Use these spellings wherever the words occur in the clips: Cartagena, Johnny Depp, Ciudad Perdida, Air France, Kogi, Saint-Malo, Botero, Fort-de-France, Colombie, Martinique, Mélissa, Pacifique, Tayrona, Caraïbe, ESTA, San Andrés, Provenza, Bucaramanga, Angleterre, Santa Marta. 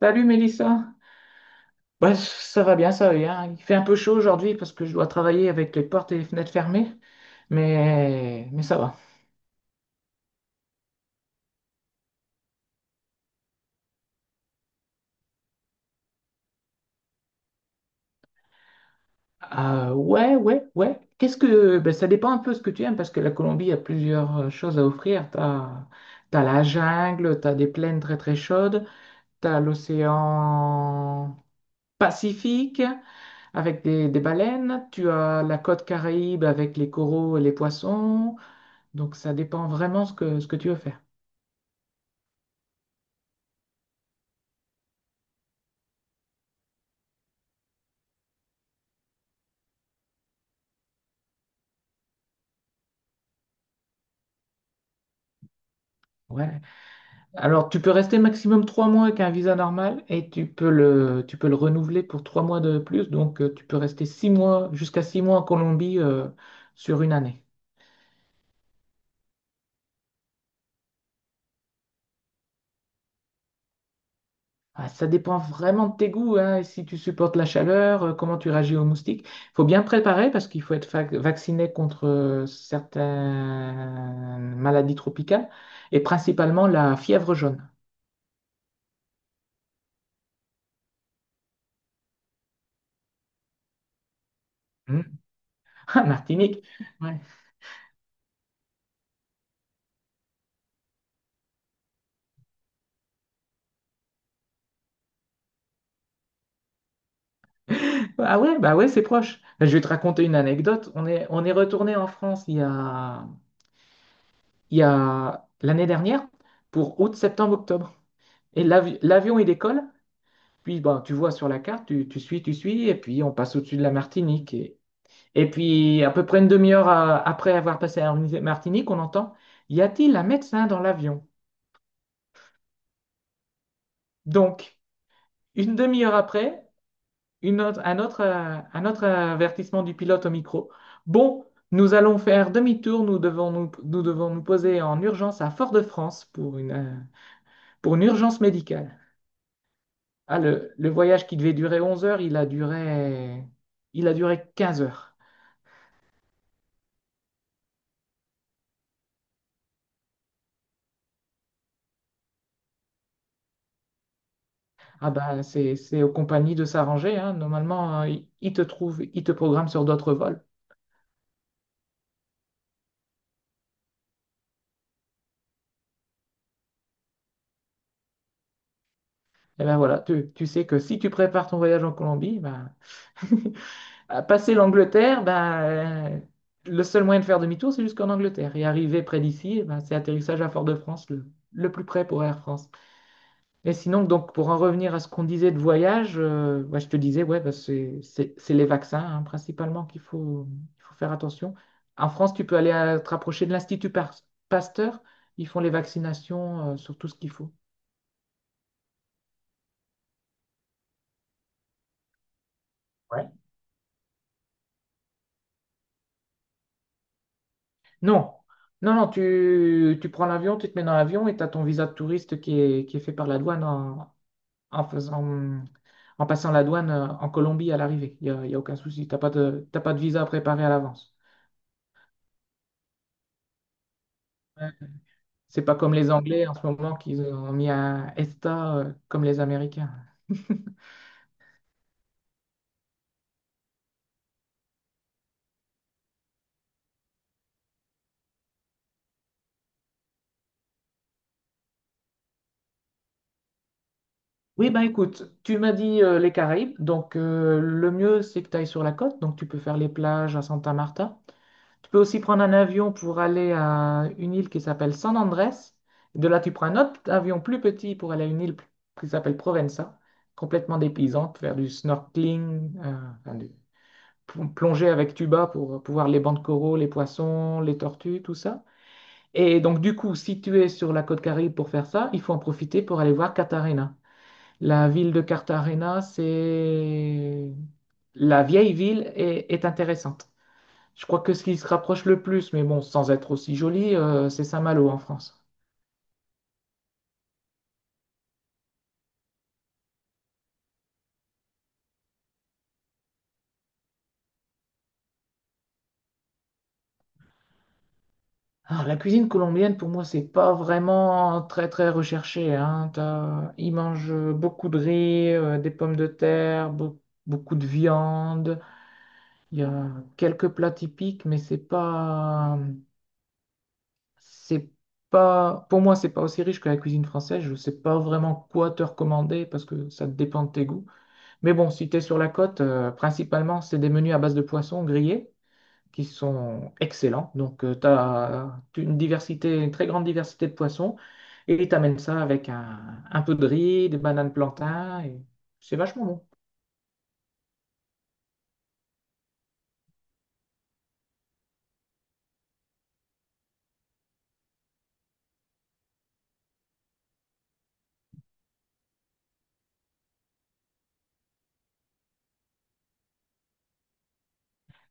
Salut Mélissa. Bah, ça va bien, ça va bien. Il fait un peu chaud aujourd'hui parce que je dois travailler avec les portes et les fenêtres fermées, mais ça va. Ah, ouais, ouais, ouais. Bah, ça dépend un peu ce que tu aimes parce que la Colombie a plusieurs choses à offrir. T'as la jungle, t'as des plaines très très chaudes, t'as l'océan Pacifique avec des baleines, tu as la côte Caraïbe avec les coraux et les poissons. Donc ça dépend vraiment ce que tu veux faire. Ouais. Alors, tu peux rester maximum 3 mois avec un visa normal et tu peux le renouveler pour 3 mois de plus. Donc, tu peux rester 6 mois, jusqu'à 6 mois en Colombie sur une année. Ah, ça dépend vraiment de tes goûts, hein, et si tu supportes la chaleur, comment tu réagis aux moustiques. Il faut bien préparer parce qu'il faut être vacciné contre certaines maladies tropicales et principalement la fièvre jaune. Hmm. Ah, Martinique. Ah ouais, bah ouais, c'est proche. Bah, je vais te raconter une anecdote. On est retourné en France il y a l'année dernière pour août, septembre, octobre. Et l'avion, il décolle. Puis bon, tu vois sur la carte, tu suis, et puis on passe au-dessus de la Martinique. Et puis à peu près une demi-heure après avoir passé la Martinique, on entend, y a-t-il un médecin dans l'avion? Donc, une demi-heure après, une autre- un autre, un autre avertissement du pilote au micro. Bon, nous allons faire demi-tour, nous devons nous poser en urgence à Fort-de-France pour une urgence médicale. Ah, le voyage qui devait durer 11 heures, il a duré 15 heures. Ah ben, c'est aux compagnies de s'arranger, hein. Normalement, ils te trouvent, ils te programment sur d'autres vols. Et ben voilà, tu sais que si tu prépares ton voyage en Colombie, ben, à passer l'Angleterre, ben, le seul moyen de faire demi-tour, c'est jusqu'en Angleterre. Et arriver près d'ici, ben, c'est atterrissage à Fort-de-France, le plus près pour Air France. Et sinon, donc, pour en revenir à ce qu'on disait de voyage, ouais, je te disais, ouais, ben, c'est les vaccins, hein, principalement, il faut faire attention. En France, tu peux aller te rapprocher de l'Institut Pasteur. Ils font les vaccinations, sur tout ce qu'il faut. Ouais. Non, non, non, tu prends l'avion, tu te mets dans l'avion et tu as ton visa de touriste qui est fait par la douane en faisant, en passant la douane en Colombie à l'arrivée. Y a aucun souci. T'as pas de visa à préparer à l'avance. Ouais. C'est pas comme les Anglais en ce moment qu'ils ont mis un ESTA comme les Américains. Oui, ben écoute, tu m'as dit les Caraïbes, donc le mieux c'est que tu ailles sur la côte, donc tu peux faire les plages à Santa Marta. Tu peux aussi prendre un avion pour aller à une île qui s'appelle San Andrés. De là, tu prends un autre avion plus petit pour aller à une île qui s'appelle Provenza, complètement dépaysante, faire du snorkeling, enfin, plonger avec tuba pour pouvoir les bancs de coraux, les poissons, les tortues, tout ça. Et donc, du coup, si tu es sur la côte Caraïbe pour faire ça, il faut en profiter pour aller voir Cartagena. La ville de Cartagena, c'est... La vieille ville est intéressante. Je crois que ce qui se rapproche le plus, mais bon, sans être aussi joli, c'est Saint-Malo en France. Alors, la cuisine colombienne, pour moi, c'est pas vraiment très très recherché, hein. Ils mangent beaucoup de riz, des pommes de terre, beaucoup de viande. Il y a quelques plats typiques, mais c'est pas C'est pas, pour moi, c'est pas aussi riche que la cuisine française. Je sais pas vraiment quoi te recommander parce que ça dépend de tes goûts. Mais bon, si tu es sur la côte, principalement, c'est des menus à base de poissons grillés qui sont excellents. Donc, tu as une diversité, une très grande diversité de poissons et tu amènes ça avec un peu de riz, des bananes plantains et c'est vachement bon.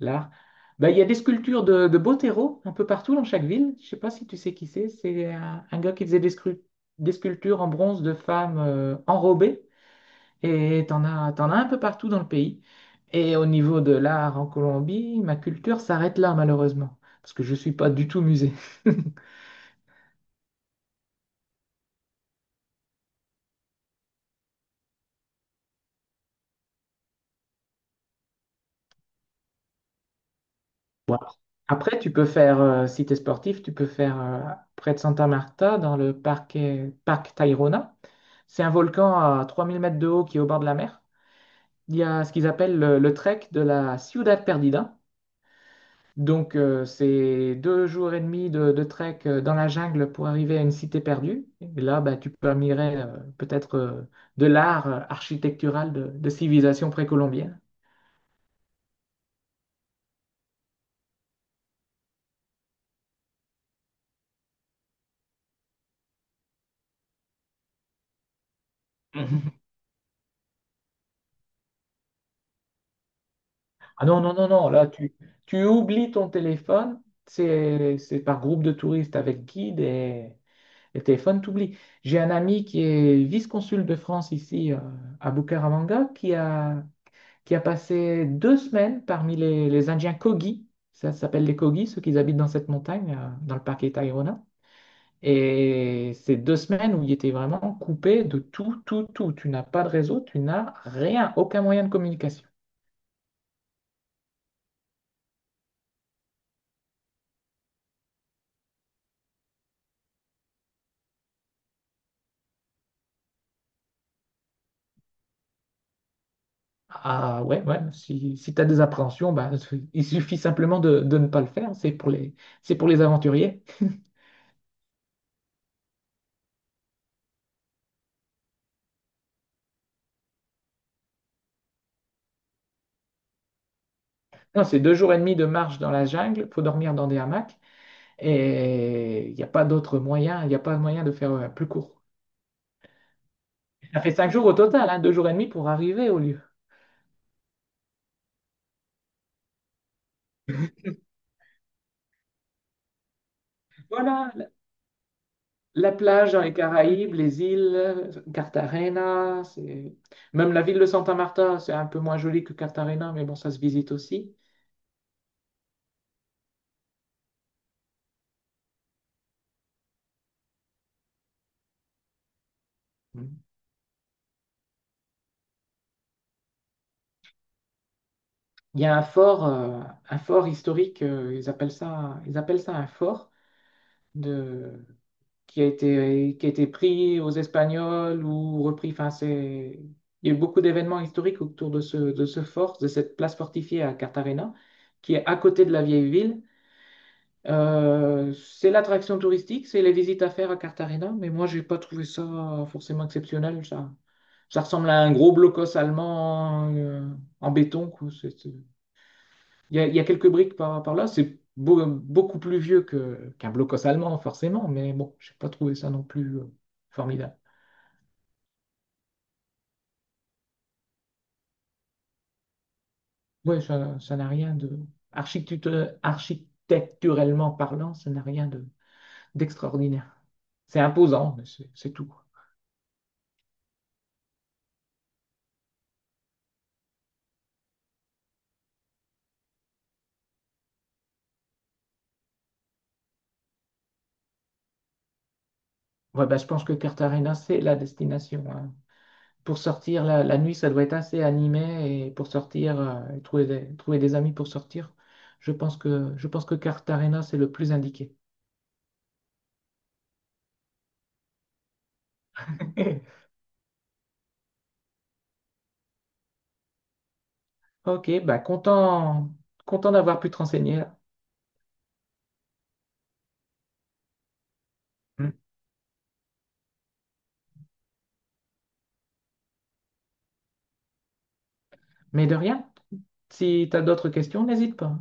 L'art. Bah, il y a des sculptures de Botero un peu partout dans chaque ville. Je sais pas si tu sais qui c'est. C'est un gars qui faisait des sculptures en bronze de femmes enrobées. Et t'en as un peu partout dans le pays. Et au niveau de l'art en Colombie, ma culture s'arrête là, malheureusement. Parce que je suis pas du tout musée. Voilà. Après, tu peux faire, si tu es sportif, tu peux faire près de Santa Marta, dans le parc Tayrona. C'est un volcan à 3 000 mètres de haut qui est au bord de la mer. Il y a ce qu'ils appellent le trek de la Ciudad Perdida. Donc, c'est 2 jours et demi de trek dans la jungle pour arriver à une cité perdue. Et là, bah, tu peux admirer peut-être de l'art architectural de civilisation précolombienne. Mhm. Ah non, non, non, non, là, tu oublies ton téléphone. C'est par groupe de touristes avec guide et téléphone, t'oublies. J'ai un ami qui est vice-consul de France ici à Bucaramanga qui a passé 2 semaines parmi les Indiens Kogi. Ça s'appelle les Kogi, ceux qui habitent dans cette montagne, dans le parc Tayrona. Et c'est 2 semaines où il était vraiment coupé de tout, tout, tout. Tu n'as pas de réseau, tu n'as rien, aucun moyen de communication. Ah ouais, ouais, si, tu as des appréhensions, bah, il suffit simplement de ne pas le faire. C'est pour les aventuriers. Non, c'est 2 jours et demi de marche dans la jungle, faut dormir dans des hamacs. Et il n'y a pas d'autre moyen, il n'y a pas de moyen de faire plus court. Ça fait 5 jours au total, hein, 2 jours et demi pour arriver au lieu. Voilà, la plage dans les Caraïbes, les îles, Cartagena. Même la ville de Santa Marta, c'est un peu moins joli que Cartagena, mais bon, ça se visite aussi. Mm. Il y a un fort historique, ils appellent ça un fort de... qui a été pris aux Espagnols ou repris. Enfin. Il y a eu beaucoup d'événements historiques autour de ce, fort, de cette place fortifiée à Cartagena, qui est à côté de la vieille ville. C'est l'attraction touristique, c'est les visites à faire à Cartagena, mais moi, j'ai pas trouvé ça forcément exceptionnel. Ça ressemble à un gros blocos allemand en béton, quoi. Il y a quelques briques par là. C'est beaucoup plus vieux qu'un blocos allemand, forcément, mais bon, j'ai pas trouvé ça non plus formidable. Ouais, ça n'a rien architectu- Architecturellement parlant, ça n'a rien de d'extraordinaire. C'est imposant, mais c'est tout. Ouais, bah, je pense que Cartagena, c'est la destination, hein. Pour sortir la nuit, ça doit être assez animé et pour sortir, et trouver des amis pour sortir, je pense que Cartagena, c'est le plus indiqué. Ok, bah content, content d'avoir pu te renseigner, là. Mm. Mais de rien, si tu as d'autres questions, n'hésite pas.